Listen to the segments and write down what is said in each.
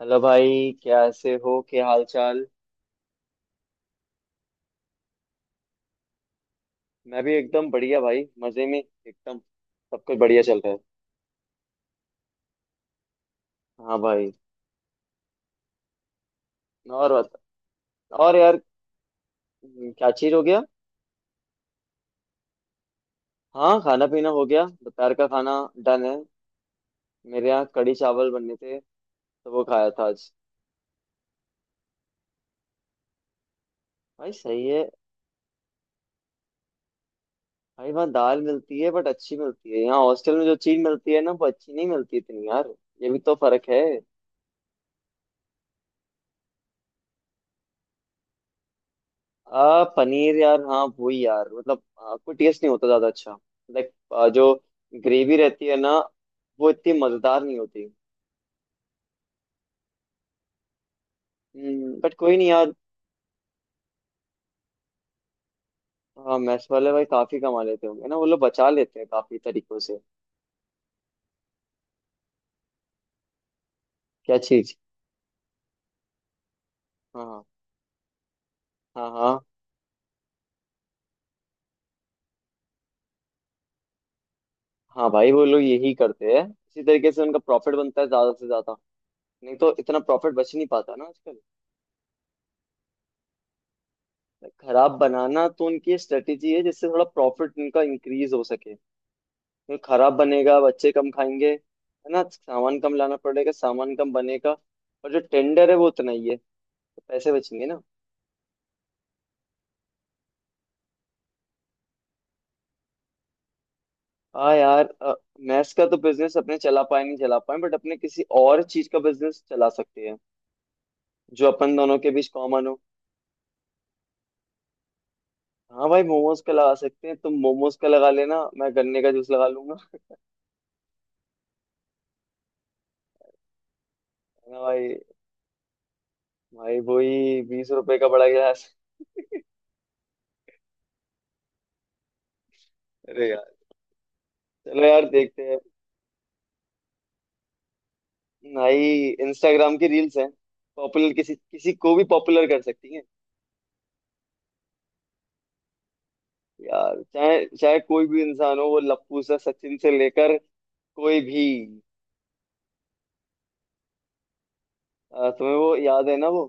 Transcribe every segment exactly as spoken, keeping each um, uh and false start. Hello भाई, कैसे हो, क्या हाल चाल। मैं भी एकदम बढ़िया भाई, मजे में, एकदम सब कुछ बढ़िया चल रहा है। हाँ भाई। और बता। और यार। हम्म, क्या चीज हो गया। हाँ, खाना पीना हो गया, दोपहर का खाना। डन है। मेरे यहाँ कढ़ी चावल बनने थे, तो वो खाया था आज। भाई सही है। भाई वहाँ दाल मिलती है बट अच्छी मिलती है, यहाँ हॉस्टल में जो चीज मिलती है ना वो अच्छी नहीं मिलती इतनी यार। ये भी तो फर्क है। आ, पनीर यार, हाँ वही यार, मतलब आ, कोई टेस्ट नहीं होता ज्यादा अच्छा। लाइक आ, जो ग्रेवी रहती है ना, वो इतनी मजेदार नहीं होती। बट कोई नहीं यार। हाँ, मैस वाले भाई काफी कमा लेते होंगे ना, वो लोग बचा लेते हैं काफी तरीकों से। क्या चीज। हाँ। हाँ। हाँ हाँ भाई, वो लोग यही करते हैं, इसी तरीके से उनका प्रॉफिट बनता है ज्यादा से ज्यादा। नहीं तो इतना प्रॉफिट बच नहीं पाता ना आजकल। Like, खराब बनाना तो उनकी स्ट्रेटेजी है, जिससे थोड़ा प्रॉफिट उनका इंक्रीज हो सके। फिर खराब बनेगा, बच्चे कम खाएंगे, है ना, सामान कम लाना पड़ेगा, सामान कम बनेगा। और जो टेंडर है वो उतना ही है, तो पैसे बचेंगे ना। हाँ यार। मैथ्स का तो बिजनेस अपने चला पाए नहीं चला पाए, बट अपने किसी और चीज का बिजनेस चला सकते हैं, जो अपन दोनों के बीच कॉमन हो। हाँ भाई, मोमोज का लगा सकते हैं, तुम मोमोज का लगा लेना, मैं गन्ने का जूस लगा लूंगा। है ना भाई। भाई वही बीस रुपए का बड़ा गिलास। अरे यार। चलो यार, देखते हैं। भाई इंस्टाग्राम की रील्स हैं, पॉपुलर किसी किसी को भी पॉपुलर कर सकती हैं। यार चाहे चाहे कोई भी इंसान हो, वो लप्पू से सचिन से लेकर, कोई भी। अ, तुम्हें वो याद है ना वो।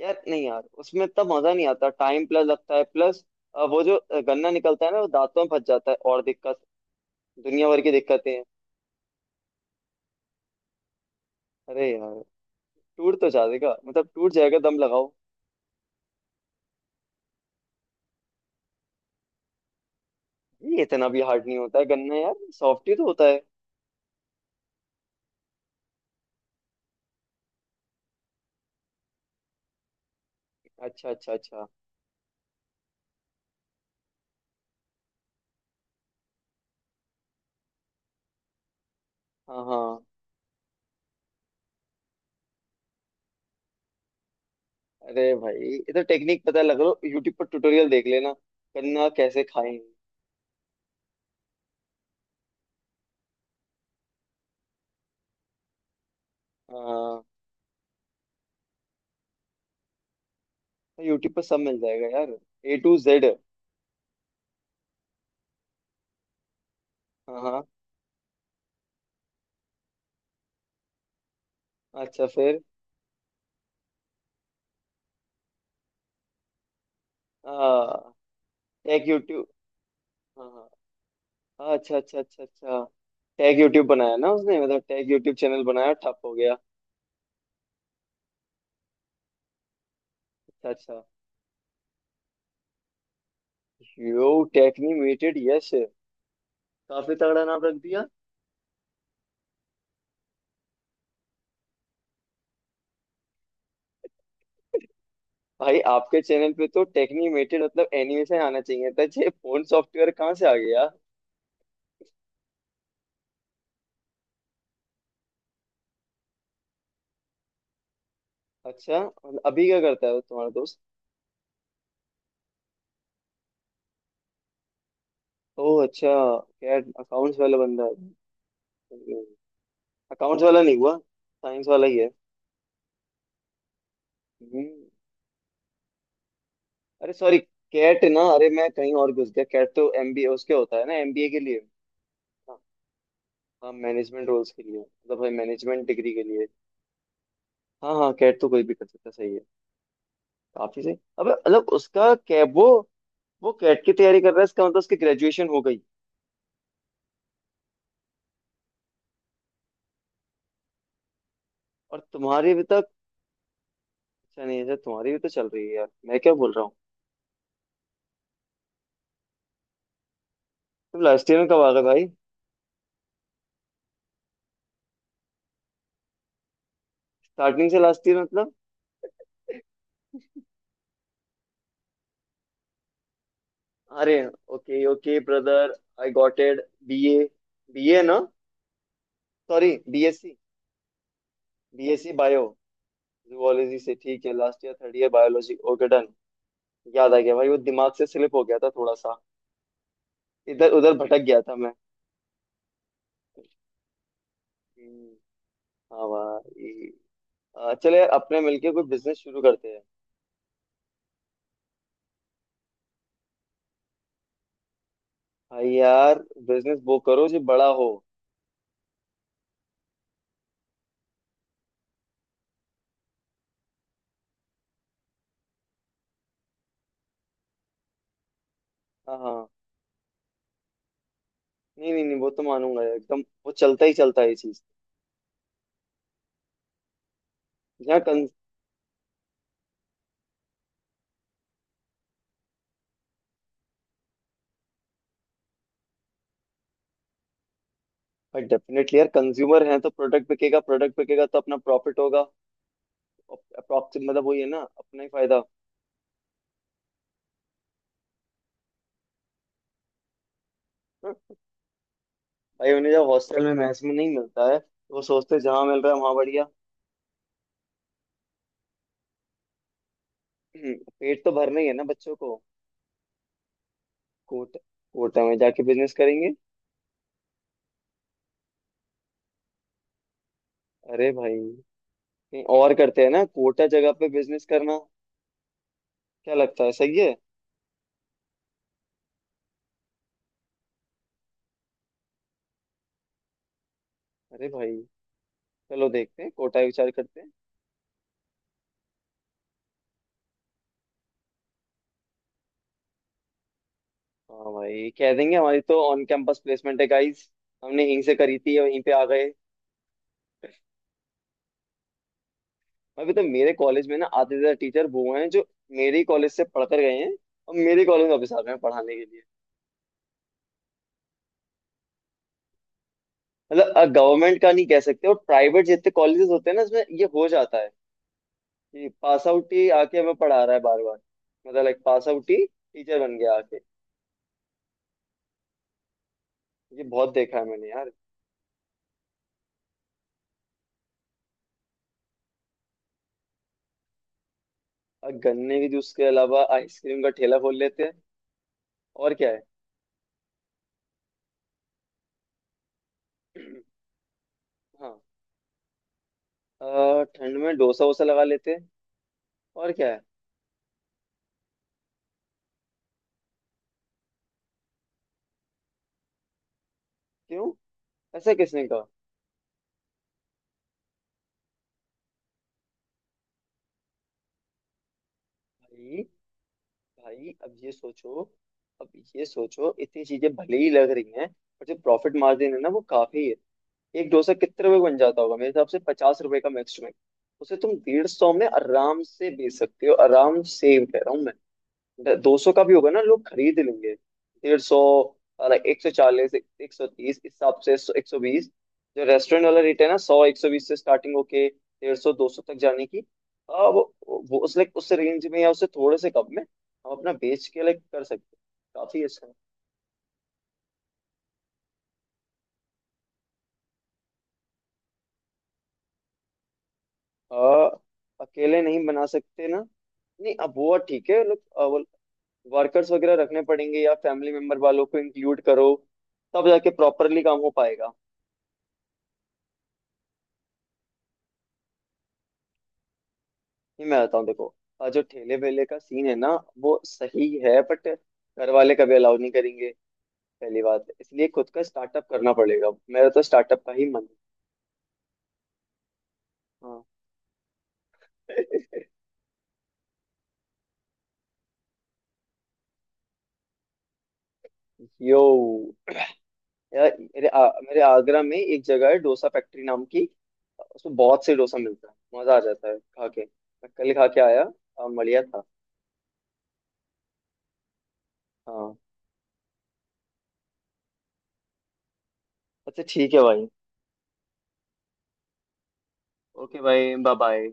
यार नहीं यार, उसमें इतना मजा नहीं आता, टाइम प्लस लगता है, प्लस वो जो अ, गन्ना निकलता है ना वो दांतों में फंस जाता है और दिक्कत, दुनिया भर की दिक्कतें हैं। अरे यार। टूट तो जाएगा, मतलब टूट जाएगा, दम लगाओ। ये इतना भी हार्ड नहीं होता है गन्ना यार, सॉफ्ट ही तो होता है। अच्छा अच्छा अच्छा। हाँ हाँ। अरे भाई ये तो टेक्निक, पता लग लो, यूट्यूब पर ट्यूटोरियल देख लेना, गन्ना कैसे खाएं। हाँ। यूट्यूब पर सब मिल जाएगा यार, ए टू जेड। हाँ हाँ। अच्छा फिर। हाँ। Tag YouTube. हाँ हाँ। हाँ, अच्छा अच्छा अच्छा अच्छा। टैग यूट्यूब बनाया ना उसने, मतलब टैग यूट्यूब चैनल बनाया, ठप हो गया। अच्छा अच्छा। यो टेक्नीमेटेड यस। काफी तगड़ा नाम रख दिया। भाई आपके चैनल पे तो टेक्नीमेटेड मतलब एनिमेशन आना चाहिए था, ये फोन सॉफ्टवेयर कहाँ से आ गया। अच्छा, और अभी क्या करता है वो तुम्हारा दोस्त। ओह अच्छा। क्या, अकाउंट्स वाला बंदा है? अकाउंट्स वाला नहीं हुआ, साइंस वाला ही है। हम्म, अरे सॉरी, कैट ना, अरे मैं कहीं और घुस गया, कैट तो एमबीए उसके होता है ना, एमबीए के लिए। हाँ। हाँ, मैनेजमेंट रोल्स के लिए मतलब मैनेजमेंट डिग्री के लिए। हाँ हाँ, कैट तो कोई भी कर सकता है, सही है। काफी सही। अबे मतलब उसका कैट, वो वो कैट की तैयारी कर रहा है, इसका मतलब उसकी ग्रेजुएशन हो गई। और तुम्हारी भी तक, अच्छा नहीं, अच्छा तुम्हारी भी तो चल रही है यार, मैं क्या बोल रहा हूँ। तुम लास्ट ईयर में कब आ गए भाई। स्टार्टिंग से लास्ट ईयर मतलब। अरे, okay okay brother, I got it. BA, BA ना, sorry. BSc. BSc bio, zoology से, ठीक है, last year third year biology okay done. याद आ गया भाई, वो दिमाग से स्लिप हो गया था थोड़ा सा, इधर उधर भटक गया था मैं। हम्म, हाँ भाई। आ, चले यार अपने मिलके कोई बिजनेस शुरू करते हैं। भाई यार, बिजनेस वो करो जो बड़ा हो। हाँ हाँ, नहीं नहीं नहीं, वो तो मानूंगा यार, एकदम वो चलता ही चलता है ये चीज। जहाँ डेफिनेटली यार, कंज्यूमर हैं तो प्रोडक्ट बिकेगा, प्रोडक्ट बिकेगा तो अपना प्रॉफिट होगा। अप्रॉक्सिम मतलब वही है ना, अपना ही फायदा। हाँ, भाई उन्हें जब हॉस्टल में मैस में नहीं मिलता है, तो वो सोचते हैं जहाँ मिल रहा है वहां बढ़िया। हम्म, पेट तो भरना ही है ना बच्चों को। कोटा, कोटा में जाके बिजनेस करेंगे। अरे भाई, कहीं और करते हैं ना, कोटा जगह पे बिजनेस करना, क्या लगता है, सही है। अरे भाई, चलो देखते हैं, कोटा ही विचार करते हैं। हाँ भाई, कह देंगे हमारी तो ऑन कैंपस प्लेसमेंट है गाइस, हमने यहीं से करी थी, वहीं पे आ गए। मैं तो मेरे कॉलेज में ना, आधे से ज्यादा टीचर वो हैं जो मेरे ही कॉलेज से पढ़कर गए हैं और मेरे कॉलेज में वापस आ गए हैं पढ़ाने के लिए। मतलब गवर्नमेंट का नहीं कह सकते, और प्राइवेट जितने कॉलेजेस होते हैं ना, इसमें ये हो जाता है कि पास आउट ही आके हमें पढ़ा रहा है बार बार। मतलब लाइक पास आउट ही टीचर बन गया आके। ये बहुत देखा है मैंने यार। अ, गन्ने के जूस के अलावा आइसक्रीम का ठेला खोल लेते हैं, और क्या है। हाँ। अ, ठंड में डोसा वोसा लगा लेते हैं, और क्या है। क्यों, ऐसा किसने कहा। भाई भाई, अब ये सोचो, अब ये सोचो, इतनी चीजें भले ही लग रही हैं, पर जो प्रॉफिट मार्जिन है ना वो काफी है। एक डोसा कितने रुपए का बन जाता होगा मेरे हिसाब से, पचास रुपए का मैक्स में। उसे तुम डेढ़ सौ में आराम से बेच सकते हो, आराम से कह रहा हूँ। दो सौ का भी होगा ना, लोग खरीद लेंगे। डेढ़ सौ, एक सौ चालीस, एक सौ तीस, इस हिसाब से, एक सौ बीस। जो रेस्टोरेंट वाला रेट है ना, सौ, एक सौ बीस से स्टार्टिंग होके डेढ़ सौ दो सौ तक जाने की, अब वो वो उस, लाइक उस रेंज में या उससे थोड़े से कम में हम अपना बेच के लाइक कर सकते हैं। काफी अच्छा है। आ, अकेले नहीं बना सकते ना। नहीं, अब वो ठीक है, लोग वर्कर्स वगैरह रखने पड़ेंगे, या फैमिली मेंबर वालों को इंक्लूड करो, तब जाके प्रॉपरली काम हो पाएगा। नहीं मैं बताऊँ देखो, अ, जो ठेले वेले का सीन है ना वो सही है, बट घर वाले कभी अलाउ नहीं करेंगे पहली बात, इसलिए खुद का स्टार्टअप करना पड़ेगा, मेरा तो स्टार्टअप का ही मन है। हाँ। यो, यार मेरे आ, मेरे आगरा में एक जगह है डोसा फैक्ट्री नाम की, उसमें बहुत से डोसा मिलता है, मजा आ जाता है खा के, मैं कल खा के आया। अ, बढ़िया था। हाँ। अच्छा ठीक है भाई। ओके भाई, बाय बाय।